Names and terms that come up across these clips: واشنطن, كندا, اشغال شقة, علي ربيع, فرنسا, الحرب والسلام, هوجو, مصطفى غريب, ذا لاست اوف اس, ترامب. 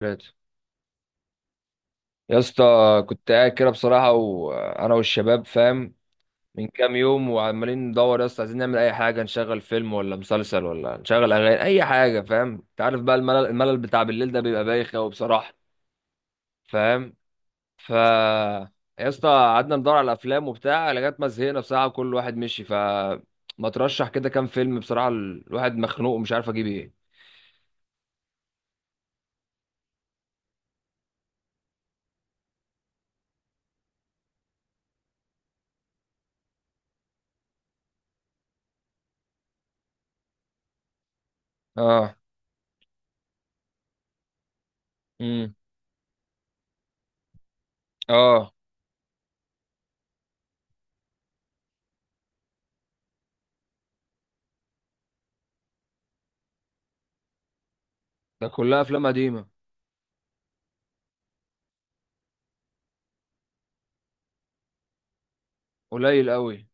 ثلاثة، يا اسطى. كنت قاعد كده بصراحة وأنا والشباب، فاهم؟ من كام يوم وعمالين ندور يا اسطى، عايزين نعمل أي حاجة، نشغل فيلم ولا مسلسل ولا نشغل أغاني، أي حاجة، فاهم؟ أنت عارف بقى الملل بتاع بالليل ده بيبقى بايخ أوي بصراحة. فاهم؟ ف يا اسطى، قعدنا ندور على الأفلام وبتاع لغاية ما زهقنا بصراحة، كل واحد مشي. ما ترشح كده كام فيلم بصراحة، الواحد مخنوق ومش عارف أجيب إيه. آه. امم. آه. ده كلها أفلام قديمة. قليل أوي.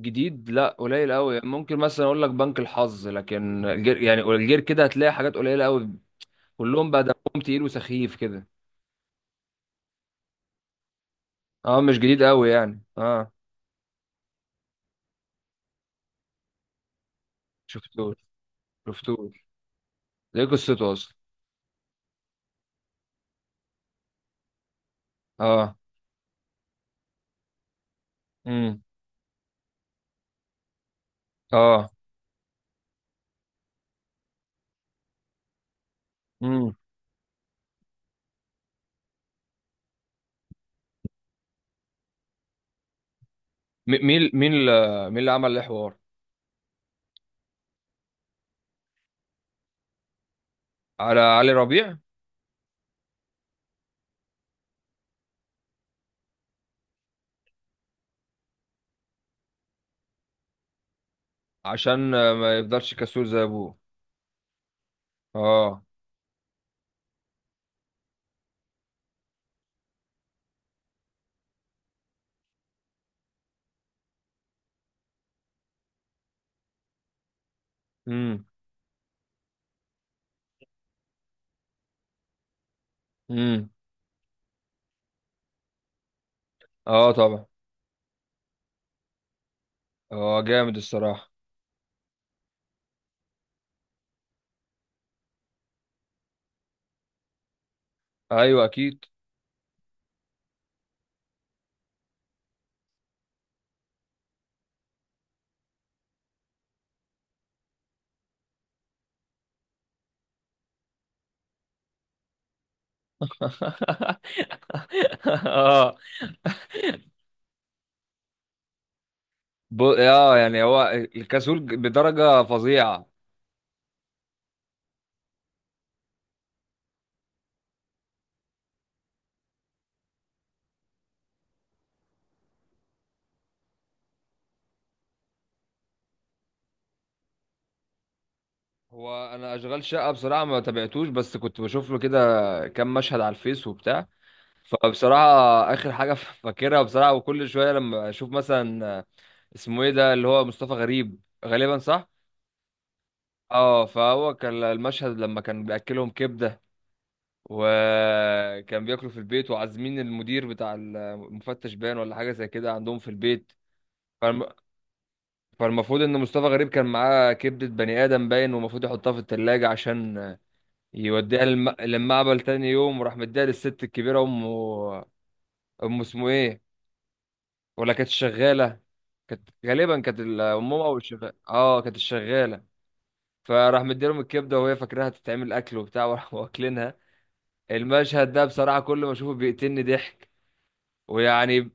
جديد؟ لا، قليل قوي. ممكن مثلا اقول لك بنك الحظ، لكن الجير، يعني الجير كده هتلاقي حاجات قليله قوي. كلهم بقى دمهم تقيل وسخيف كده. اه، مش جديد قوي يعني، اه. شفتوه؟ شفتوه؟ دي قصته اصلا. اه. امم. اه. امم. مين اللي، مين اللي عمل الحوار؟ على علي ربيع. عشان ما يفضلش كسول زي ابوه. اه. امم. امم. اه، طبعا. اه، جامد الصراحه. ايوه، اكيد. اه. اه، يعني هو الكسول بدرجة فظيعة. هو انا اشغال شقة بصراحة ما تابعتوش، بس كنت بشوف له كده كام مشهد على الفيس وبتاع. فبصراحة، اخر حاجة فاكرها بصراحة، وكل شوية لما اشوف مثلا، اسمه ايه ده اللي هو مصطفى غريب، غالبا، صح؟ اه. فهو كان المشهد لما كان بياكلهم كبدة، وكان بياكلوا في البيت وعازمين المدير بتاع المفتش بان، ولا حاجة زي كده عندهم في البيت. فالمفروض ان مصطفى غريب كان معاه كبدة بني ادم باين، ومفروض يحطها في التلاجة عشان يوديها للمعبل تاني يوم، وراح مديها للست الكبيرة، امه. امه اسمه ايه؟ ولا كانت شغالة؟ كانت غالبا، كانت امهم او الشغالة، اه، كانت الشغالة. فراح مديلهم الكبدة وهي فاكراها تتعمل اكل وبتاع، وراحوا واكلينها. المشهد ده بصراحة كل ما اشوفه بيقتلني ضحك، ويعني،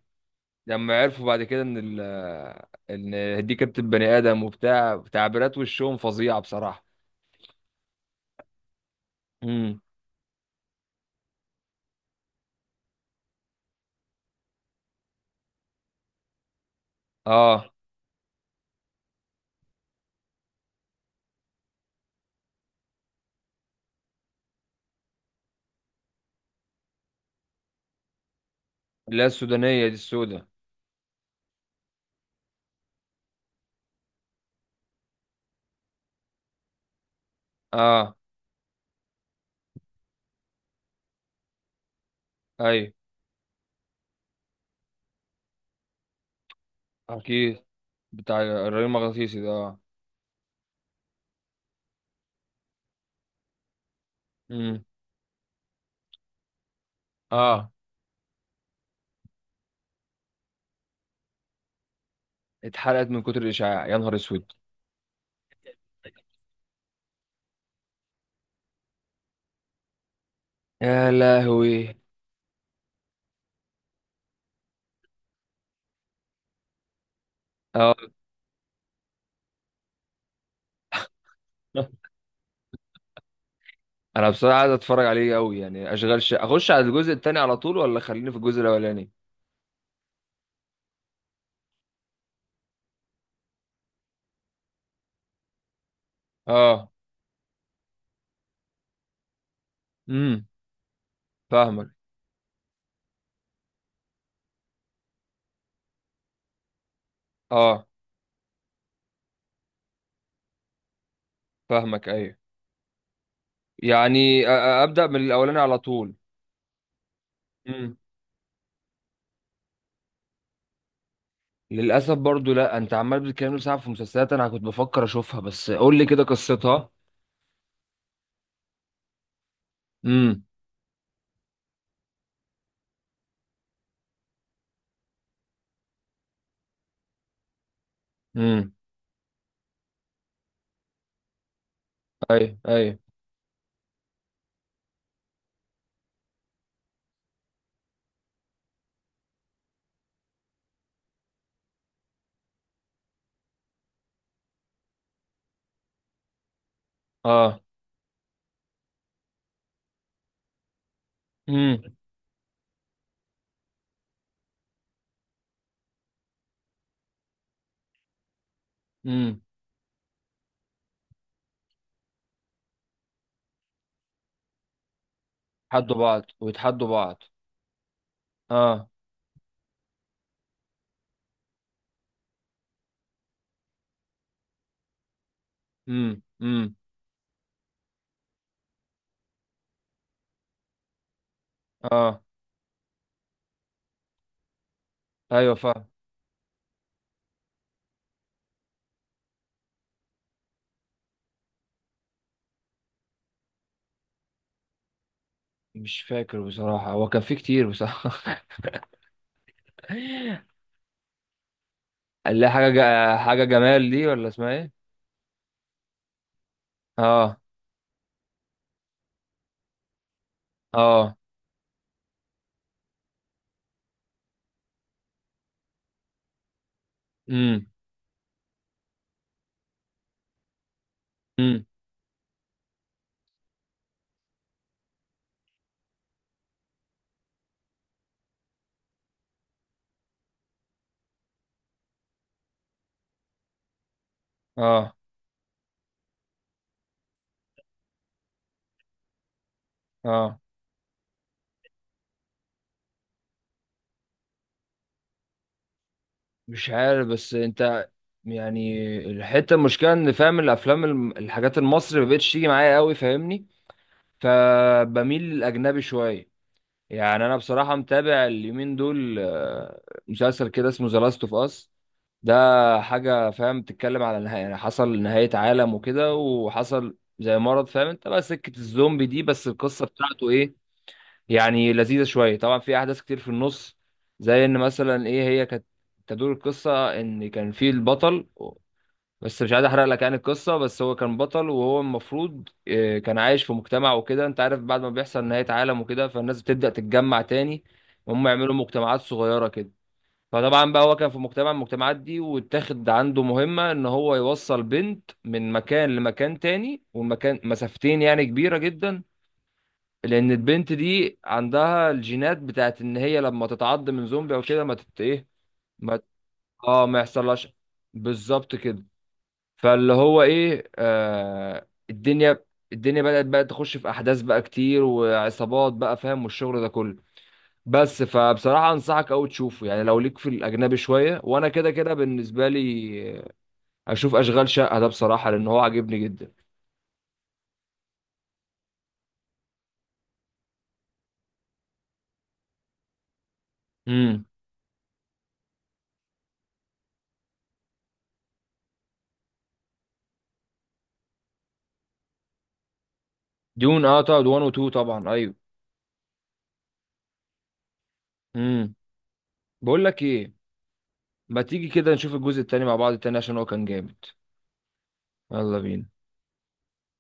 لما عرفوا بعد كده ان دي كبدة بني ادم وبتاع، تعبيرات وشهم فظيعة بصراحة. اه. اللي هي السودانية دي، السوداء. اه. ايوه، اكيد. بتاع الرئيس المغناطيسي ده، اه. امم. اه. اتحرقت من كتر الاشعاع، يا نهار اسود. يا لهوي. اه. انا بصراحة عايز اتفرج عليه قوي، يعني اشغال شقة، اخش على الجزء التاني على طول ولا خليني في الجزء الاولاني؟ اه. امم. فاهمك. اه، فاهمك. ايوه، يعني ابدا من الاولاني على طول. امم. للاسف برضو، لا، انت عمال بتتكلم ساعة في مسلسلات، انا كنت بفكر اشوفها، بس قول لي كده قصتها. امم. امم. اي اي. اه. امم. امم. يتحدوا بعض ويتحدوا بعض. اه. امم. امم. اه، ايوه، فاهم. مش فاكر بصراحة، هو كان في كتير بصراحة. اللي هي حاجة حاجة جمال دي، ولا اسمها ايه؟ اه. اه. امم. امم. اه. اه. مش عارف، بس انت يعني، الحتة المشكلة ان، فاهم، الافلام، الحاجات المصري مبقتش تيجي معايا قوي، فاهمني؟ فبميل للاجنبي شوية. يعني انا بصراحه متابع اليومين دول، مسلسل كده اسمه ذا لاست اوف اس، ده حاجه، فاهم، بتتكلم على نهايه، يعني حصل نهايه عالم وكده، وحصل زي مرض، فاهم انت بقى سكه الزومبي دي، بس القصه بتاعته ايه يعني، لذيذه شويه. طبعا في احداث كتير في النص، زي ان مثلا ايه، هي كانت، تدور القصه ان كان في البطل، بس مش عايز احرق لك يعني القصه، بس هو كان بطل، وهو المفروض كان عايش في مجتمع وكده، انت عارف، بعد ما بيحصل نهايه عالم وكده، فالناس بتبدا تتجمع تاني، وهم يعملوا مجتمعات صغيره كده. فطبعا بقى هو كان في مجتمع من المجتمعات دي، واتاخد عنده مهمه ان هو يوصل بنت من مكان لمكان تاني، والمكان مسافتين يعني، كبيره جدا. لان البنت دي عندها الجينات بتاعت ان هي لما تتعض من زومبي او كده ما تت ايه، ما ت- اه، ما يحصلهاش، بالظبط كده. فاللي هو ايه، الدنيا، الدنيا بدأت بقى تخش في احداث بقى كتير، وعصابات بقى، فاهم، والشغل ده كله. بس فبصراحة انصحك قوي تشوفه، يعني لو ليك في الاجنبي شوية، وانا كده كده بالنسبة لي اشوف اشغال شقة ده بصراحة، لان هو عاجبني جدا. امم. دون، اه طبعا، 1 و 2، طبعا، ايوه. امم. بقول لك ايه، ما تيجي كده نشوف الجزء التاني مع بعض التاني، عشان هو كان جامد؟ يلا بينا.